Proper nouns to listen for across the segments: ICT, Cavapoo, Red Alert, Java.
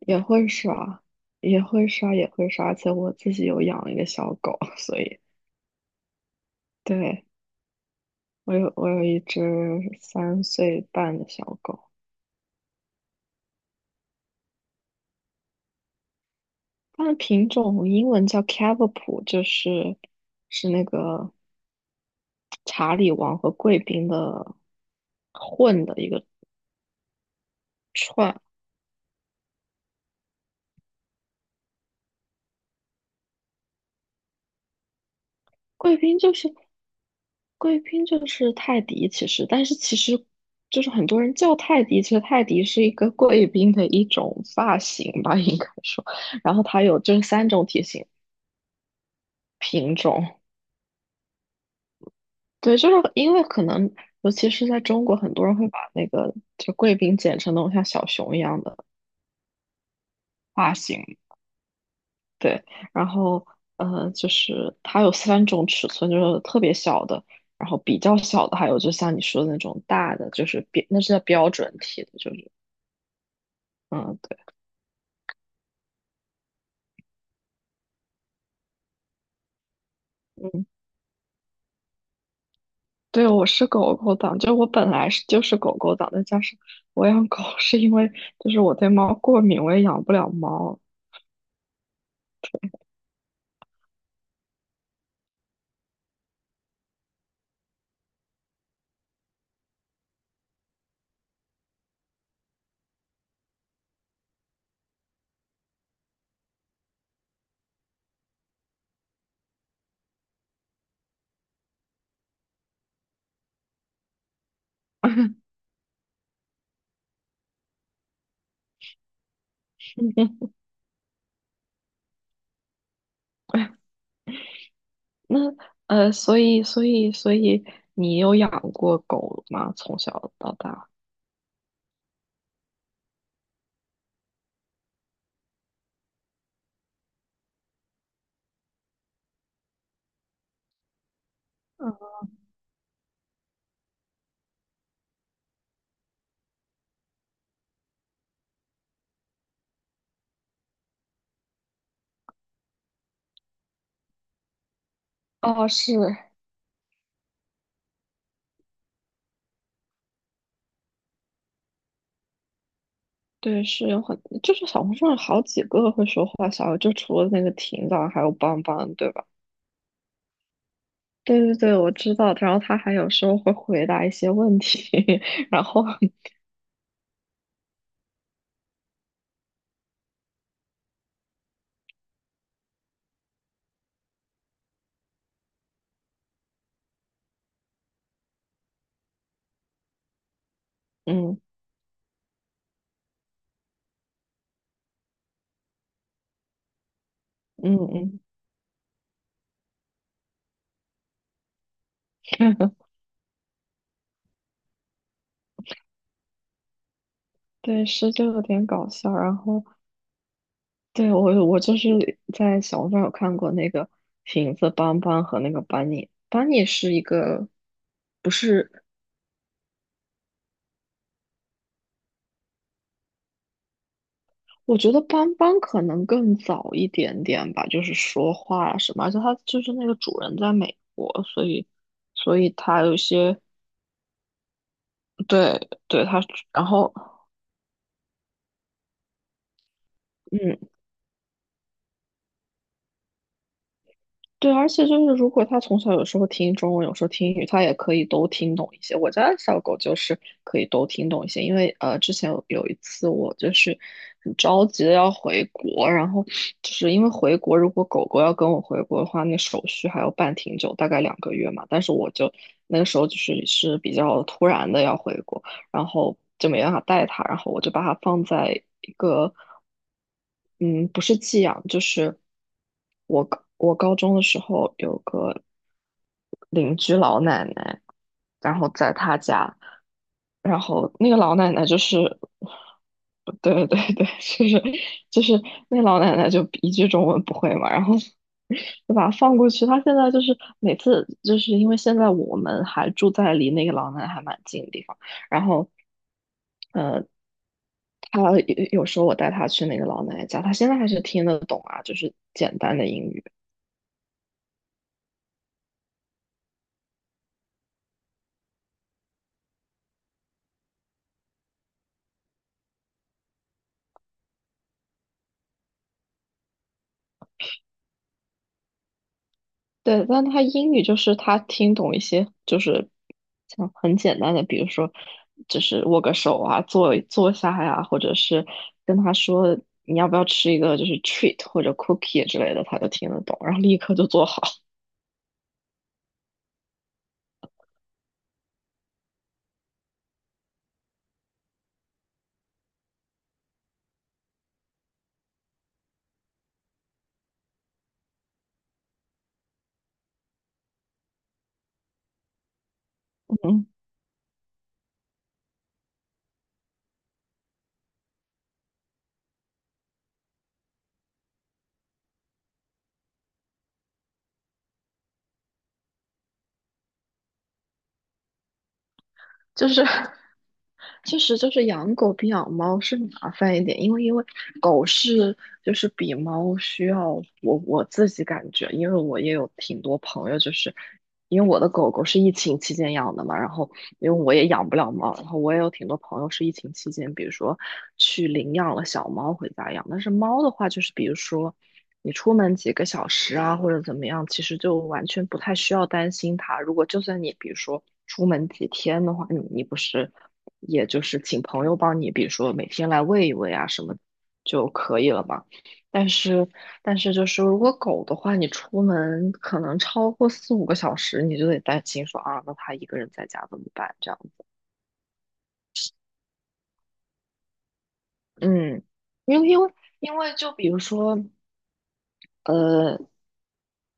也会刷，而且我自己有养一个小狗，所以。对。我有一只3岁半的小狗。它的品种英文叫 Cavapoo，就是那个查理王和贵宾的混的一个串。贵宾就是贵宾就是泰迪，其实。但是其实就是很多人叫泰迪，其实泰迪是一个贵宾的一种发型吧，应该说。然后它有就是三种体型。品种，对，就是因为可能尤其是在中国，很多人会把那个就贵宾剪成那种像小熊一样的。发型。对，然后，就是它有三种尺寸，就是特别小的，然后比较小的，还有就像你说的那种大的，就是标，那是叫标准体的，就是。嗯，对。嗯，对，我是狗狗党，就我本来是就是狗狗党，再加上我养狗是因为就是我对猫过敏，我也养不了猫。那，所以你有养过狗吗？从小到大？嗯。哦，是。对，是有很，就是小红书上好几个会说话小，就除了那个婷枣，还有邦邦，对吧？对对对，我知道。然后他还有时候会回答一些问题。然后嗯嗯嗯。对，是就有点搞笑。然后对，我就是在小红书上有看过那个瓶子邦邦和那个班尼，班尼是一个。不是。我觉得斑斑可能更早一点点吧，就是说话啊什么，而且它就是那个主人在美国，所以它有一些。对对它。然后嗯，对，而且就是如果它从小有时候听中文，有时候听英语，它也可以都听懂一些。我家小狗就是可以都听懂一些，因为，之前有一次我就是很着急的要回国。然后就是因为回国，如果狗狗要跟我回国的话，那手续还要办挺久，大概两个月嘛。但是我就那个时候就是比较突然的要回国。然后就没办法带它，然后我就把它放在一个。嗯，不是寄养，就是我高中的时候有个邻居老奶奶，然后在她家，然后那个老奶奶就是。对对对，就是那老奶奶就一句中文不会嘛，然后 就把它放过去。她现在就是每次就是因为现在我们还住在离那个老奶奶还蛮近的地方，然后，呃，他有时候我带他去那个老奶奶家，他现在还是听得懂啊，就是简单的英语。对，但他英语就是他听懂一些，就是像很简单的，比如说，就是握个手啊，坐下呀、或者是跟他说你要不要吃一个就是 treat 或者 cookie 之类的，他就听得懂，然后立刻就做好。就是。 确实就是养狗比养猫是麻烦一点，因为狗是就是比猫需要。我自己感觉，因为我也有挺多朋友，就是因为我的狗狗是疫情期间养的嘛，然后因为我也养不了猫，然后我也有挺多朋友是疫情期间，比如说去领养了小猫回家养，但是猫的话就是比如说。你出门几个小时啊，或者怎么样，其实就完全不太需要担心它。如果就算你比如说出门几天的话，你不是也就是请朋友帮你，比如说每天来喂一喂啊什么就可以了嘛。但是但是就是如果狗的话，你出门可能超过4、5个小时，你就得担心说啊，那它一个人在家怎么办？这样子。嗯，因为因为因为就比如说。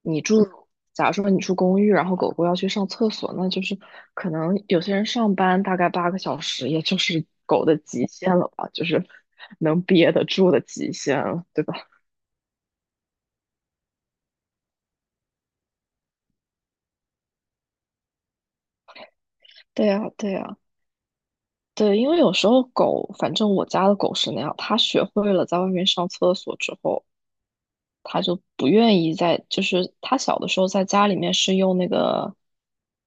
你住，假如说你住公寓，然后狗狗要去上厕所，那就是可能有些人上班大概8个小时，也就是狗的极限了吧，就是能憋得住的极限了，对吧？对呀，对呀，对，因为有时候狗，反正我家的狗是那样，它学会了在外面上厕所之后，他就不愿意在，就是他小的时候在家里面是用那个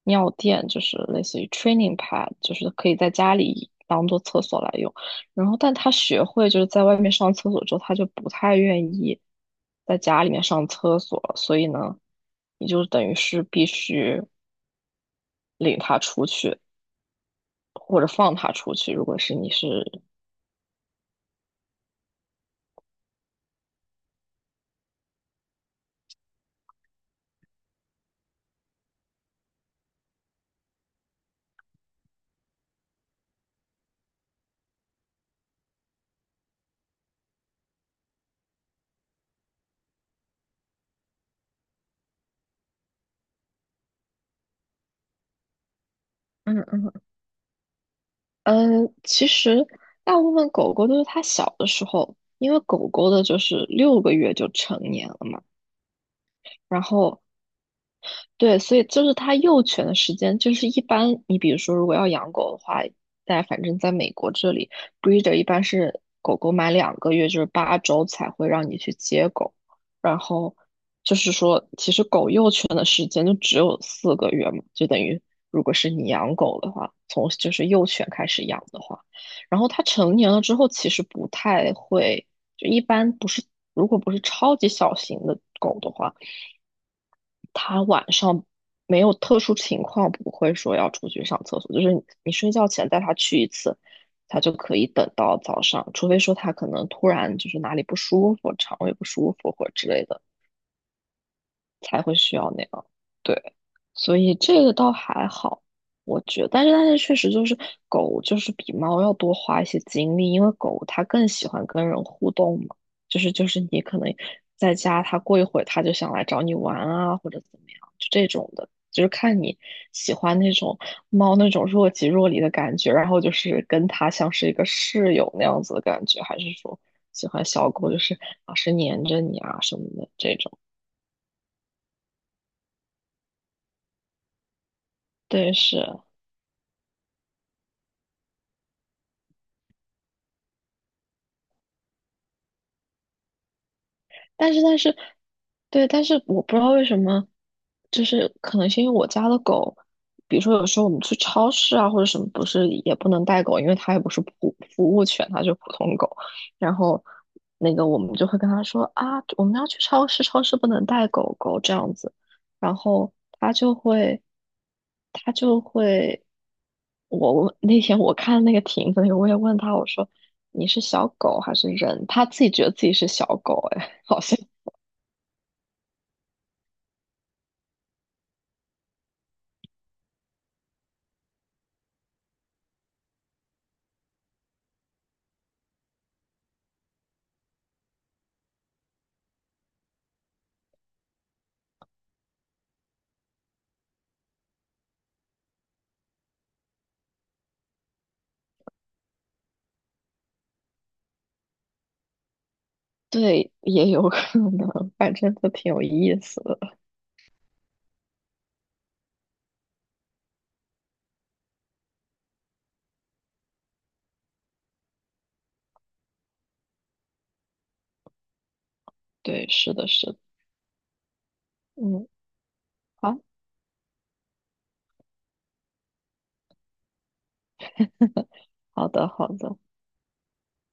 尿垫，就是类似于 training pad，就是可以在家里当做厕所来用。然后，但他学会就是在外面上厕所之后，他就不太愿意在家里面上厕所了，所以呢，你就等于是必须领他出去或者放他出去，如果是你是。嗯嗯嗯，其实大部分狗狗都是它小的时候，因为狗狗的就是6个月就成年了嘛。然后对，所以就是它幼犬的时间，就是一般你比如说，如果要养狗的话，在反正在美国这里，breeder 一般是狗狗满两个月，就是8周才会让你去接狗。然后就是说，其实狗幼犬的时间就只有4个月嘛，就等于如果是你养狗的话，从就是幼犬开始养的话，然后它成年了之后，其实不太会，就一般不是，如果不是超级小型的狗的话。他晚上没有特殊情况不会说要出去上厕所，就是你你睡觉前带他去一次，他就可以等到早上，除非说他可能突然就是哪里不舒服，肠胃不舒服或者之类的，才会需要那样。对，所以这个倒还好，我觉得。但是确实就是狗就是比猫要多花一些精力，因为狗它更喜欢跟人互动嘛，就是你可能在家它过一会儿它就想来找你玩啊，或者怎么样，就这种的。就是看你喜欢那种猫那种若即若离的感觉，然后就是跟它像是一个室友那样子的感觉，还是说喜欢小狗就是老是黏着你啊什么的这种。对，是。但是但是，对，但是我不知道为什么，就是可能是因为我家的狗，比如说有时候我们去超市啊或者什么，不是也不能带狗，因为它也不是普服务犬，它就是普通狗。然后那个我们就会跟他说啊，我们要去超市，超市不能带狗狗这样子。然后他就会，他就会，我问那天我看那个亭子那个，我也问他，我说你是小狗还是人？他自己觉得自己是小狗。哎，好像对，也有可能，反正都挺有意思的。对，是的，是的。嗯。好，好的，好的。